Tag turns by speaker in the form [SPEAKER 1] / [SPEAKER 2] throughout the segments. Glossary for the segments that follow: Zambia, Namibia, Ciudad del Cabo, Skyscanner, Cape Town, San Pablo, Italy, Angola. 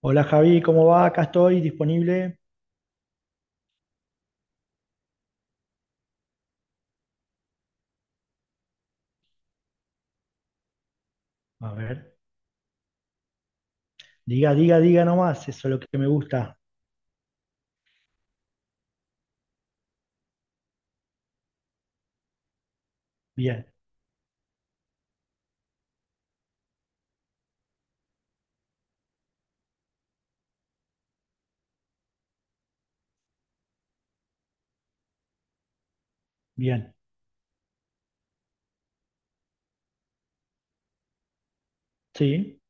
[SPEAKER 1] Hola Javi, ¿cómo va? Acá estoy disponible. A ver, diga, diga, diga nomás, eso es lo que me gusta. Bien, bien, sí,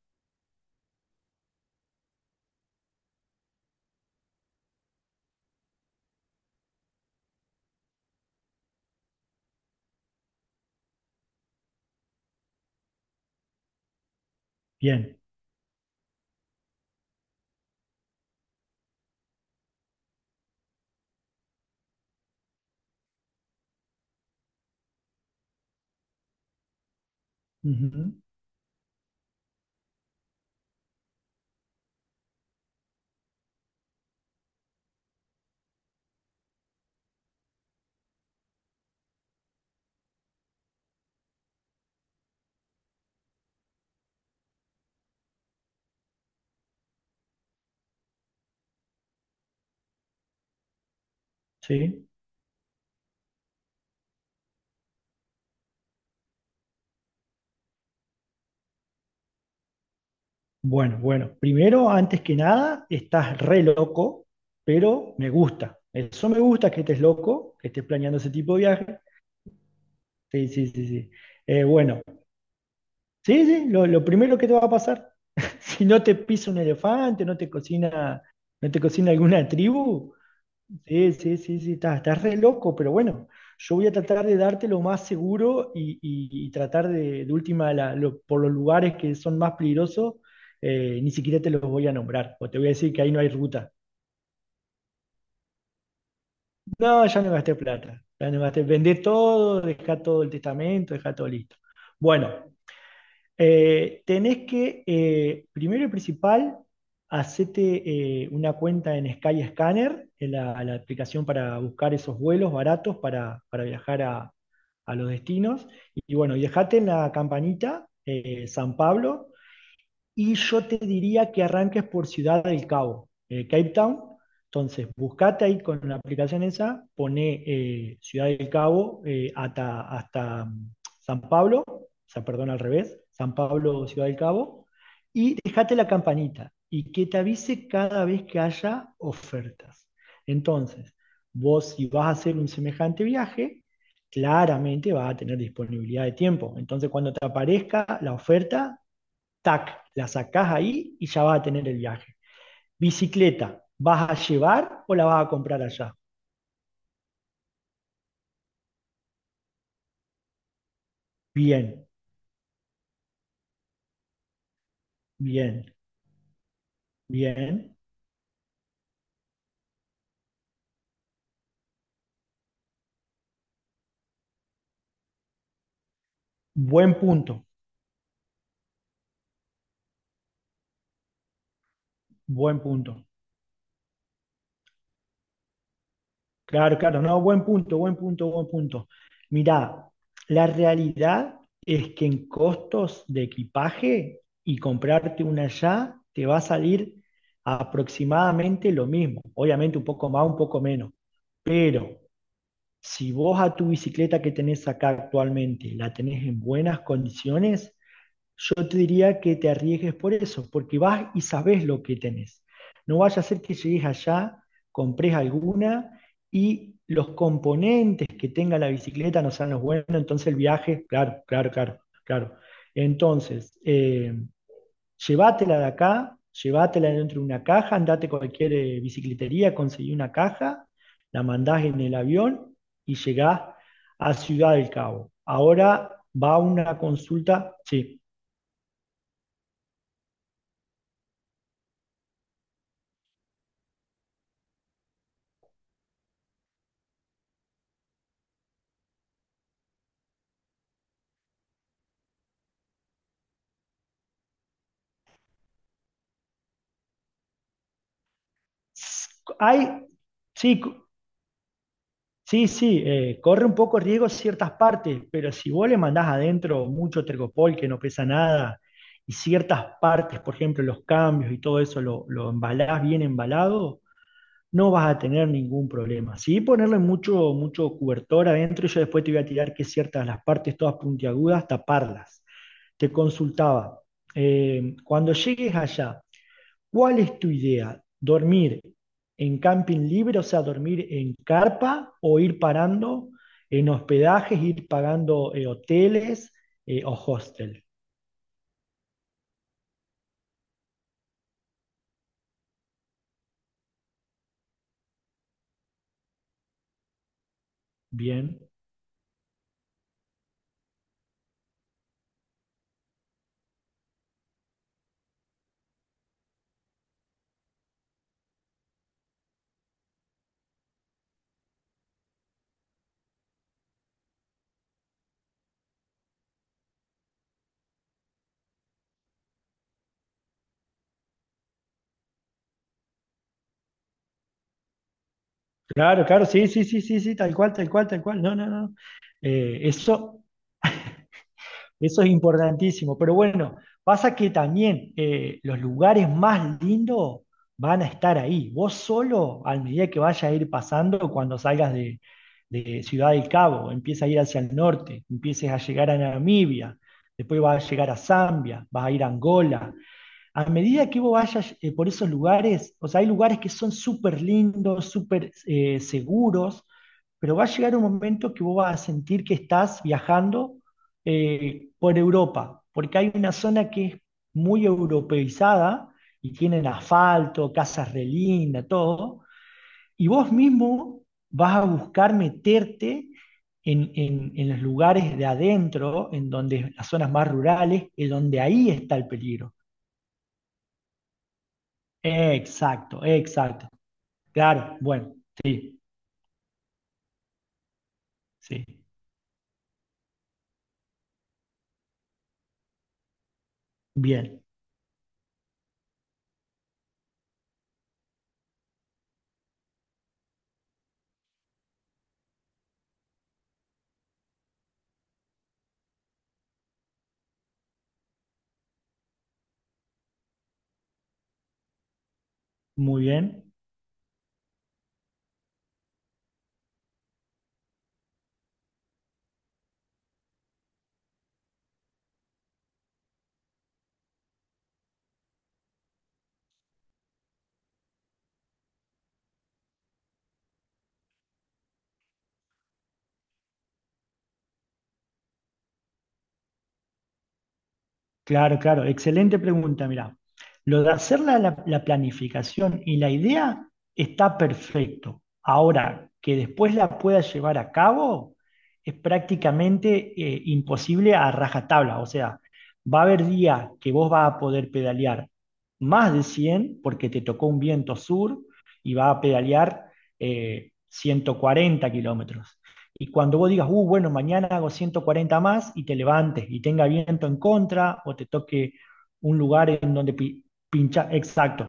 [SPEAKER 1] bien, ujú, sí. Bueno, bueno, primero, antes que nada, estás re loco, pero me gusta. Eso me gusta que estés loco, que estés planeando ese tipo de viaje. Sí, sí, sí, sí. Bueno, sí, sí, lo primero que te va a pasar, si no te pisa un elefante, no te cocina alguna tribu. Sí, sí, sí, sí, estás re loco, pero bueno, yo voy a tratar de darte lo más seguro y, tratar de última, por los lugares que son más peligrosos, ni siquiera te los voy a nombrar, o te voy a decir que ahí no hay ruta. No, ya no gasté plata, ya no gasté, vendé todo, dejá todo el testamento, dejá todo listo. Bueno, tenés que, primero y principal, hacete una cuenta en Skyscanner, en la aplicación para buscar esos vuelos baratos para viajar a los destinos. Y, bueno, y dejate en la campanita San Pablo, y yo te diría que arranques por Ciudad del Cabo, Cape Town. Entonces, buscate ahí con la aplicación esa, pone Ciudad del Cabo hasta San Pablo, o sea, perdón, al revés, San Pablo, Ciudad del Cabo, y dejate la campanita y que te avise cada vez que haya ofertas. Entonces, vos si vas a hacer un semejante viaje, claramente vas a tener disponibilidad de tiempo. Entonces, cuando te aparezca la oferta, tac, la sacás ahí y ya vas a tener el viaje. Bicicleta, ¿vas a llevar o la vas a comprar allá? Bien, bien, bien. Buen punto, buen punto. Claro, claro, no, buen punto, buen punto, buen punto. Mirá, la realidad es que en costos de equipaje y comprarte una allá te va a salir aproximadamente lo mismo. Obviamente un poco más, un poco menos. Pero si vos a tu bicicleta que tenés acá actualmente la tenés en buenas condiciones, yo te diría que te arriesgues por eso, porque vas y sabes lo que tenés. No vaya a ser que llegues allá, compres alguna y los componentes que tenga la bicicleta no sean los buenos, entonces el viaje, claro, claro, claro, claro. Entonces, llévatela de acá, llévatela dentro de una caja, andate a cualquier bicicletería, conseguí una caja, la mandás en el avión y llegás a Ciudad del Cabo. Ahora va una consulta, sí. Hay, sí, sí, sí, corre un poco riesgo ciertas partes, pero si vos le mandás adentro mucho tercopol que no pesa nada y ciertas partes, por ejemplo, los cambios y todo eso, lo embalás bien embalado, no vas a tener ningún problema. Sí, ponerle mucho, mucho cobertor adentro y yo después te voy a tirar que ciertas las partes todas puntiagudas, taparlas. Te consultaba, cuando llegues allá, ¿cuál es tu idea? ¿Dormir en camping libre, o sea, dormir en carpa o ir parando en hospedajes, ir pagando hoteles o hostel? Bien. Claro, claro, sí, sí, sí, sí, sí, tal cual, tal cual, tal cual. No, no, no. Eh, eso Eso es importantísimo. Pero bueno, pasa que también los lugares más lindos van a estar ahí. Vos solo, a medida que vaya a ir pasando, cuando salgas de Ciudad del Cabo, empiezas a ir hacia el norte, empieces a llegar a Namibia, después vas a llegar a Zambia, vas a ir a Angola, a medida que vos vayas por esos lugares, o sea, hay lugares que son súper lindos, súper seguros, pero va a llegar un momento que vos vas a sentir que estás viajando por Europa, porque hay una zona que es muy europeizada y tienen asfalto, casas re lindas, todo, y vos mismo vas a buscar meterte en, en los lugares de adentro, en donde las zonas más rurales, es donde ahí está el peligro. Exacto, exacto. Claro, bueno, sí, sí. Bien, muy bien. Claro, claro, excelente pregunta, mirá. Lo de hacer la planificación y la idea está perfecto. Ahora, que después la pueda llevar a cabo es prácticamente imposible a rajatabla. O sea, va a haber días que vos vas a poder pedalear más de 100 porque te tocó un viento sur y vas a pedalear 140 kilómetros. Y cuando vos digas, bueno, mañana hago 140 más y te levantes y tenga viento en contra o te toque un lugar en donde pinchas, exacto,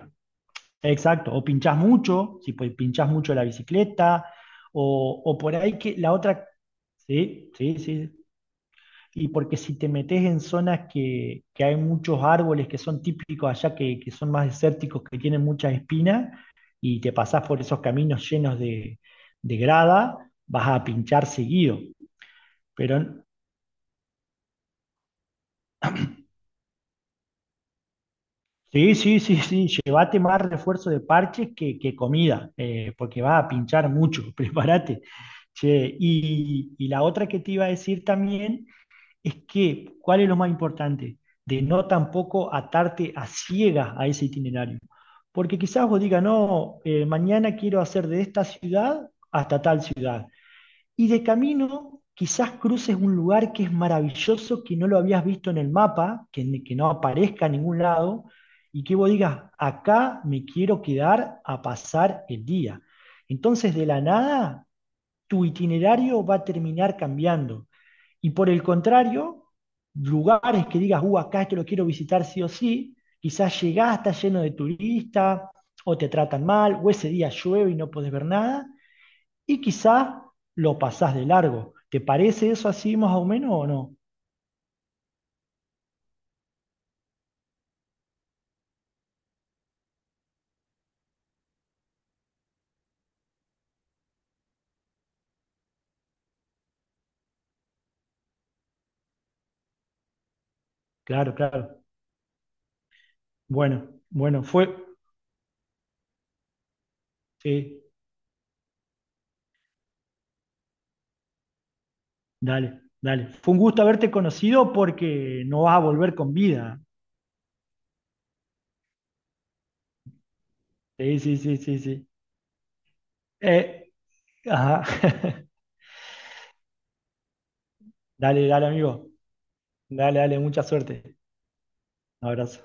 [SPEAKER 1] exacto, o pinchas mucho, si pues, pinchás mucho la bicicleta, o por ahí que la otra, sí, sí, sí. Y porque si te metes en zonas que hay muchos árboles que son típicos allá, que son más desérticos, que tienen muchas espinas, y te pasás por esos caminos llenos de grada, vas a pinchar seguido. Pero sí, sí, sí, sí, llévate más refuerzo de parches que comida, porque va a pinchar mucho, prepárate. Che, y la otra que te iba a decir también es que, ¿cuál es lo más importante? De no tampoco atarte a ciegas a ese itinerario. Porque quizás vos digas, no, mañana quiero hacer de esta ciudad hasta tal ciudad. Y de camino, quizás cruces un lugar que es maravilloso, que no lo habías visto en el mapa, que no aparezca en ningún lado, y que vos digas, acá me quiero quedar a pasar el día. Entonces, de la nada, tu itinerario va a terminar cambiando. Y por el contrario, lugares que digas, acá esto lo quiero visitar sí o sí, quizás llegás, está lleno de turistas, o te tratan mal, o ese día llueve y no podés ver nada, y quizás lo pasás de largo. ¿Te parece eso así más o menos o no? Claro, claro. Bueno, bueno, fue... Sí, dale, dale. Fue un gusto haberte conocido porque no vas a volver con vida. Sí, sí, sí, sí, sí. Eh, ajá. Dale, dale, amigo. Dale, dale, mucha suerte. Un abrazo.